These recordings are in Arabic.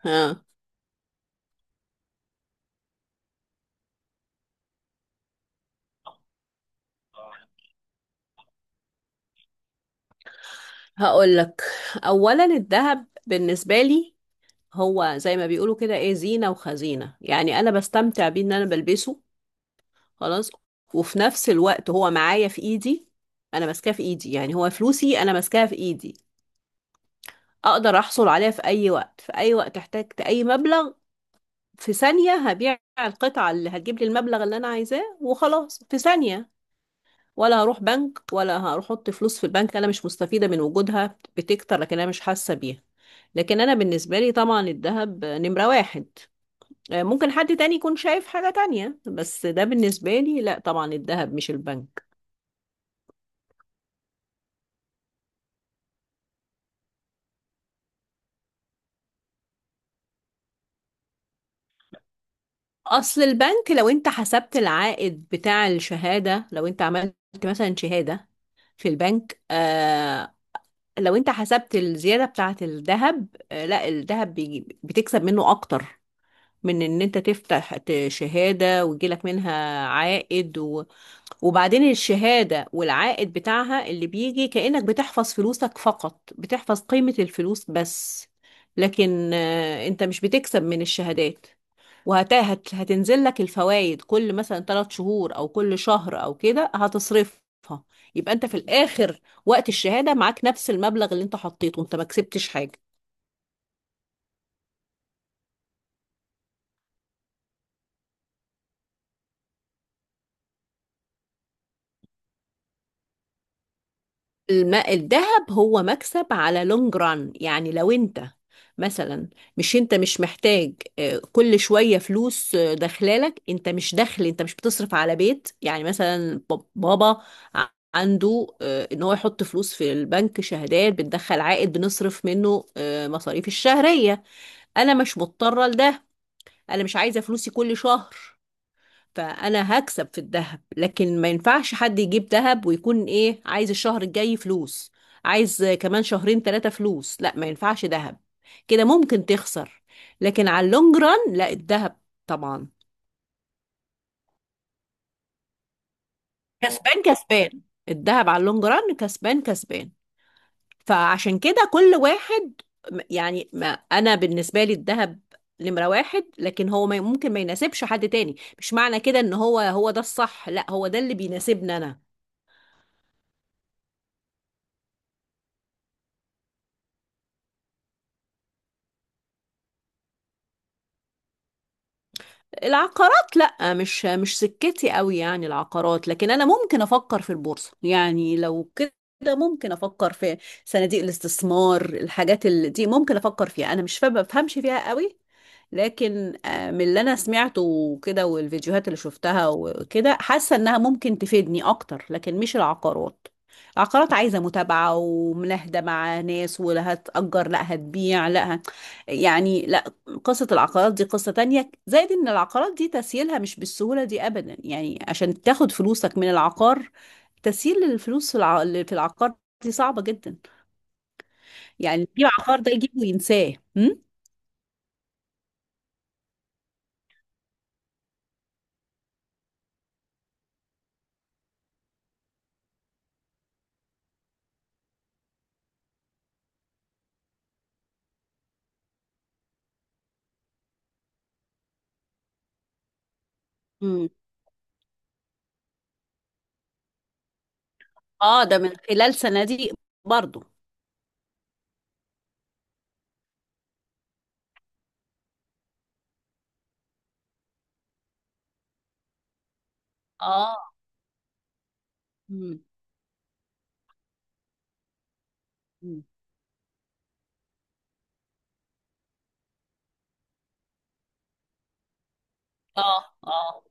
ها، هقول لك. اولا الذهب بالنسبه لي هو زي ما بيقولوا كده، ايه، زينه وخزينه. يعني انا بستمتع بيه ان انا بلبسه، خلاص. وفي نفس الوقت هو معايا في ايدي، انا ماسكاه في ايدي، يعني هو فلوسي انا ماسكاها في ايدي. اقدر احصل عليها في اي وقت، في اي وقت احتجت اي مبلغ، في ثانيه هبيع القطعه اللي هتجيب لي المبلغ اللي انا عايزاه وخلاص، في ثانيه. ولا هروح بنك ولا هروح احط فلوس في البنك، انا مش مستفيده من وجودها بتكتر لكن انا مش حاسه بيها. لكن انا بالنسبه لي طبعا الذهب نمره واحد. ممكن حد تاني يكون شايف حاجه تانية، بس ده بالنسبه لي لا طبعا الذهب مش البنك. اصل البنك، لو انت حسبت العائد بتاع الشهاده، لو انت عملت مثلا شهاده في البنك، لو انت حسبت الزياده بتاعه الذهب، لا، الذهب بيجي بتكسب منه اكتر من ان انت تفتح شهاده ويجيلك منها عائد. وبعدين الشهادة والعائد بتاعها اللي بيجي كأنك بتحفظ فلوسك فقط، بتحفظ قيمة الفلوس بس. لكن انت مش بتكسب من الشهادات، وهتنزل لك الفوائد كل مثلا 3 شهور او كل شهر او كده هتصرفها. يبقى انت في الاخر وقت الشهادة معاك نفس المبلغ اللي انت حطيته، انت ما كسبتش حاجة. الذهب هو مكسب على لونج ران. يعني لو انت مثلا مش انت مش محتاج كل شوية فلوس داخلالك، انت مش دخل، انت مش بتصرف على بيت. يعني مثلا بابا ع- عنده ان هو يحط فلوس في البنك شهادات بتدخل عائد بنصرف منه مصاريف الشهرية. انا مش مضطرة لده، انا مش عايزة فلوسي كل شهر. فانا هكسب في الذهب، لكن ما ينفعش حد يجيب ذهب ويكون ايه عايز الشهر الجاي فلوس، عايز كمان شهرين 3 فلوس، لا ما ينفعش ذهب، كده ممكن تخسر. لكن على اللونج ران لا، الذهب طبعا كسبان كسبان. الذهب على اللونج ران كسبان كسبان. فعشان كده كل واحد، يعني ما انا بالنسبة لي الذهب نمرة واحد، لكن هو ما ممكن ما يناسبش حد تاني، مش معنى كده ان هو هو ده الصح، لا، هو ده اللي بيناسبني انا. العقارات لا، مش سكتي قوي يعني العقارات، لكن انا ممكن افكر في البورصه، يعني لو كده ممكن افكر في صناديق الاستثمار، الحاجات اللي دي ممكن افكر فيها. انا مش فاهمه، بفهمش فيها قوي، لكن من اللي انا سمعته وكده والفيديوهات اللي شفتها وكده، حاسه انها ممكن تفيدني اكتر. لكن مش العقارات، العقارات عايزه متابعه ومناهده مع ناس، ولا هتأجر لا هتبيع لا يعني قصة العقارات دي قصة تانية، زائد ان العقارات دي تسييلها مش بالسهولة دي ابدا، يعني عشان تاخد فلوسك من العقار، تسييل الفلوس في في العقار دي صعبة جدا. يعني يجيب عقار ده يجيبه وينساه. امم. اه، ده من خلال صناديق برضو. اه، امم، امم، اه، اه،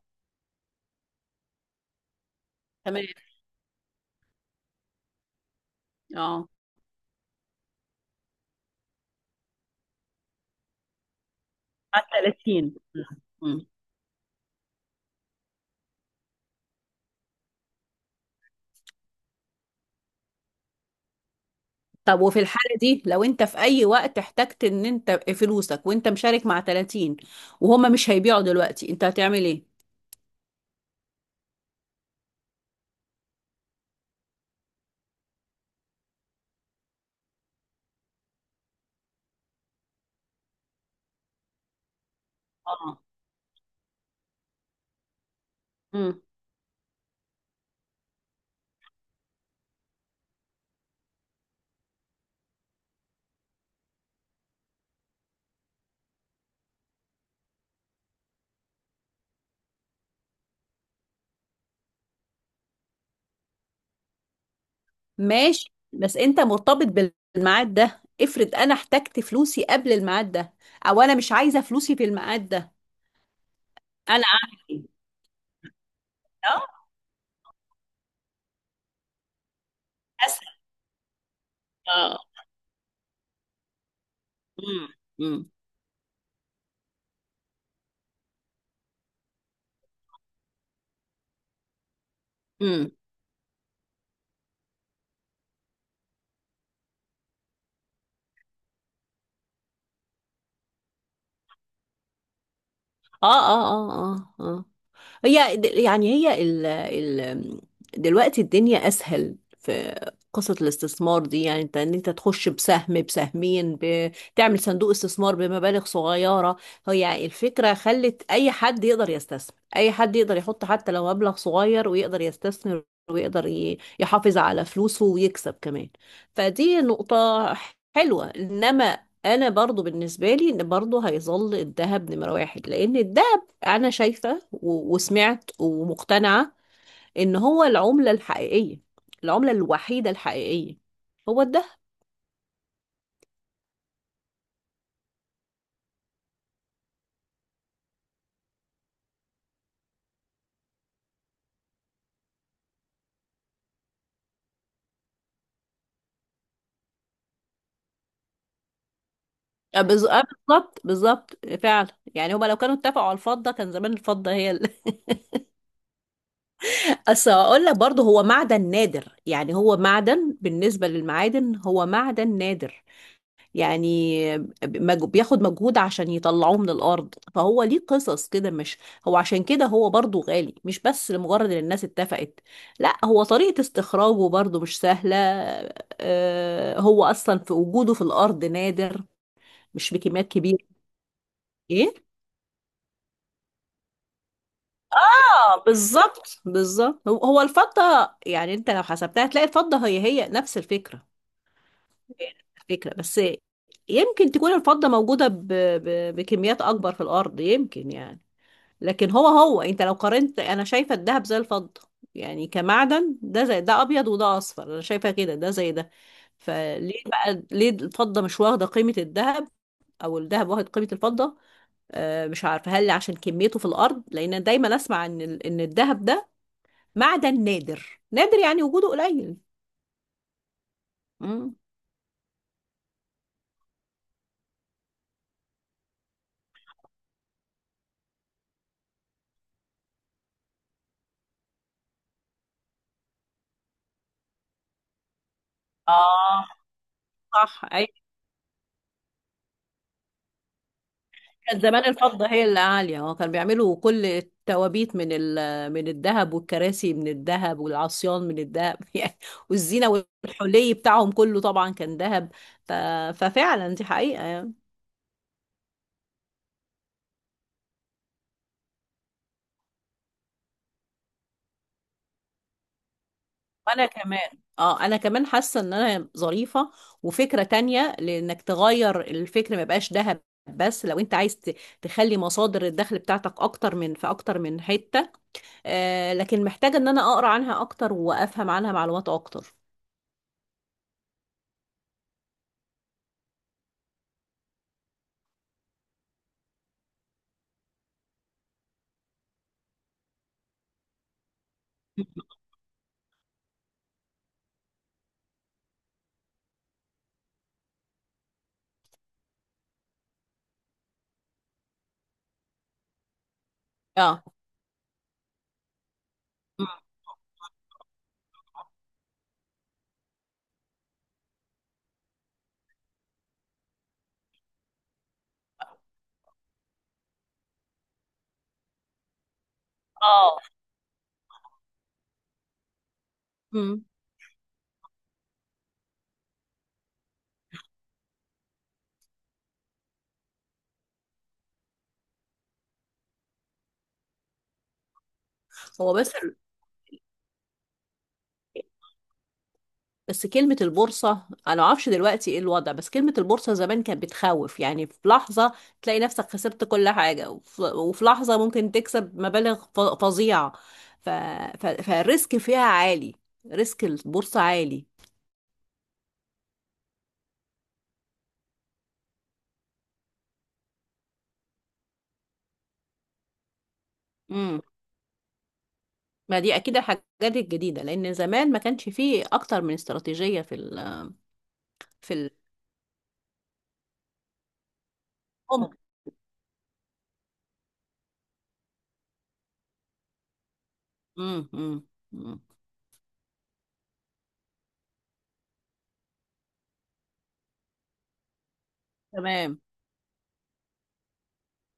تمام. اه، على 30. مم. طب، وفي الحالة دي لو انت في اي وقت احتجت ان انت فلوسك، وانت مشارك مع 30 وهما مش هيبيعوا دلوقتي، انت هتعمل ايه؟ اه، امم، ماشي. بس انت مرتبط بالميعاد ده، افرض انا احتجت فلوسي قبل الميعاد ده، او انا مش عايزه فلوسي في الميعاد ده، انا اعمل ايه؟ اه. اسهل. اه، امم، امم، امم، اه، اه، اه، اه، اه. هي يعني هي ال دلوقتي الدنيا اسهل في قصة الاستثمار دي. يعني انت ان انت تخش بسهم بسهمين بتعمل صندوق استثمار بمبالغ صغيرة. هي الفكرة خلت اي حد يقدر يستثمر، اي حد يقدر يحط حتى لو مبلغ صغير ويقدر يستثمر ويقدر يحافظ على فلوسه ويكسب كمان. فدي نقطة حلوة، انما انا برضو بالنسبة لي ان برضو هيظل الذهب نمرة واحد، لان الذهب، انا شايفة وسمعت ومقتنعة ان هو العملة الحقيقية، العملة الوحيدة الحقيقية هو الدهب. أه بز- أه بالظبط بالظبط فعلا. يعني هما لو كانوا اتفقوا على الفضة كان زمان الفضة. بس هقول لك برضه هو معدن نادر، يعني هو معدن بالنسبة للمعادن هو معدن نادر. يعني بياخد مجهود عشان يطلعوه من الأرض، فهو ليه قصص كده، مش هو عشان كده هو برضو غالي مش بس لمجرد إن الناس اتفقت، لا، هو طريقة استخراجه برضو مش سهلة. هو أصلا في وجوده في الأرض نادر، مش بكميات كبيرة. ايه؟ بالظبط بالظبط. هو هو الفضة، يعني انت لو حسبتها هتلاقي الفضة هي هي نفس الفكرة. الفكرة بس يمكن تكون الفضة موجودة بكميات أكبر في الأرض، يمكن يعني. لكن هو، هو انت لو قارنت انا شايفه الدهب زي الفضه، يعني كمعدن، ده زي ده، ابيض وده اصفر، انا شايفه كده ده زي ده. فليه بقى ليه الفضه مش واخده قيمه الذهب، او الذهب واخد قيمه الفضه؟ آه، مش عارفه هل عشان كميته في الارض، لان دايما اسمع ان ان الذهب ده معدن نادر نادر، يعني وجوده قليل. امم. اه، صح. كان زمان الفضة هي اللي عالية. اه، كانوا بيعملوا كل التوابيت من الذهب والكراسي من الذهب والعصيان من الذهب، يعني، والزينة والحلي بتاعهم كله طبعا كان ذهب. ف... ففعلا دي حقيقة يعني. انا كمان، اه انا كمان حاسة ان انا ظريفة وفكرة تانية لانك تغير الفكر، ما يبقاش ذهب بس. لو انت عايز تخلي مصادر الدخل بتاعتك اكتر، من في اكتر من حتة. آه، لكن محتاجة ان انا اقرا عنها اكتر وافهم عنها معلومات اكتر. اه. مم. اه. مم. هو بس، بس كلمة البورصة أنا معرفش دلوقتي إيه الوضع، بس كلمة البورصة زمان كانت بتخوف، يعني في لحظة تلاقي نفسك خسرت كل حاجة، وفي لحظة ممكن تكسب مبالغ فظيعة. ف... فالريسك فيها عالي، ريسك البورصة عالي. مم. ما دي أكيد الحاجات الجديدة، لأن زمان ما كانش فيه أكتر من استراتيجية في ال... مم. مم. مم. تمام.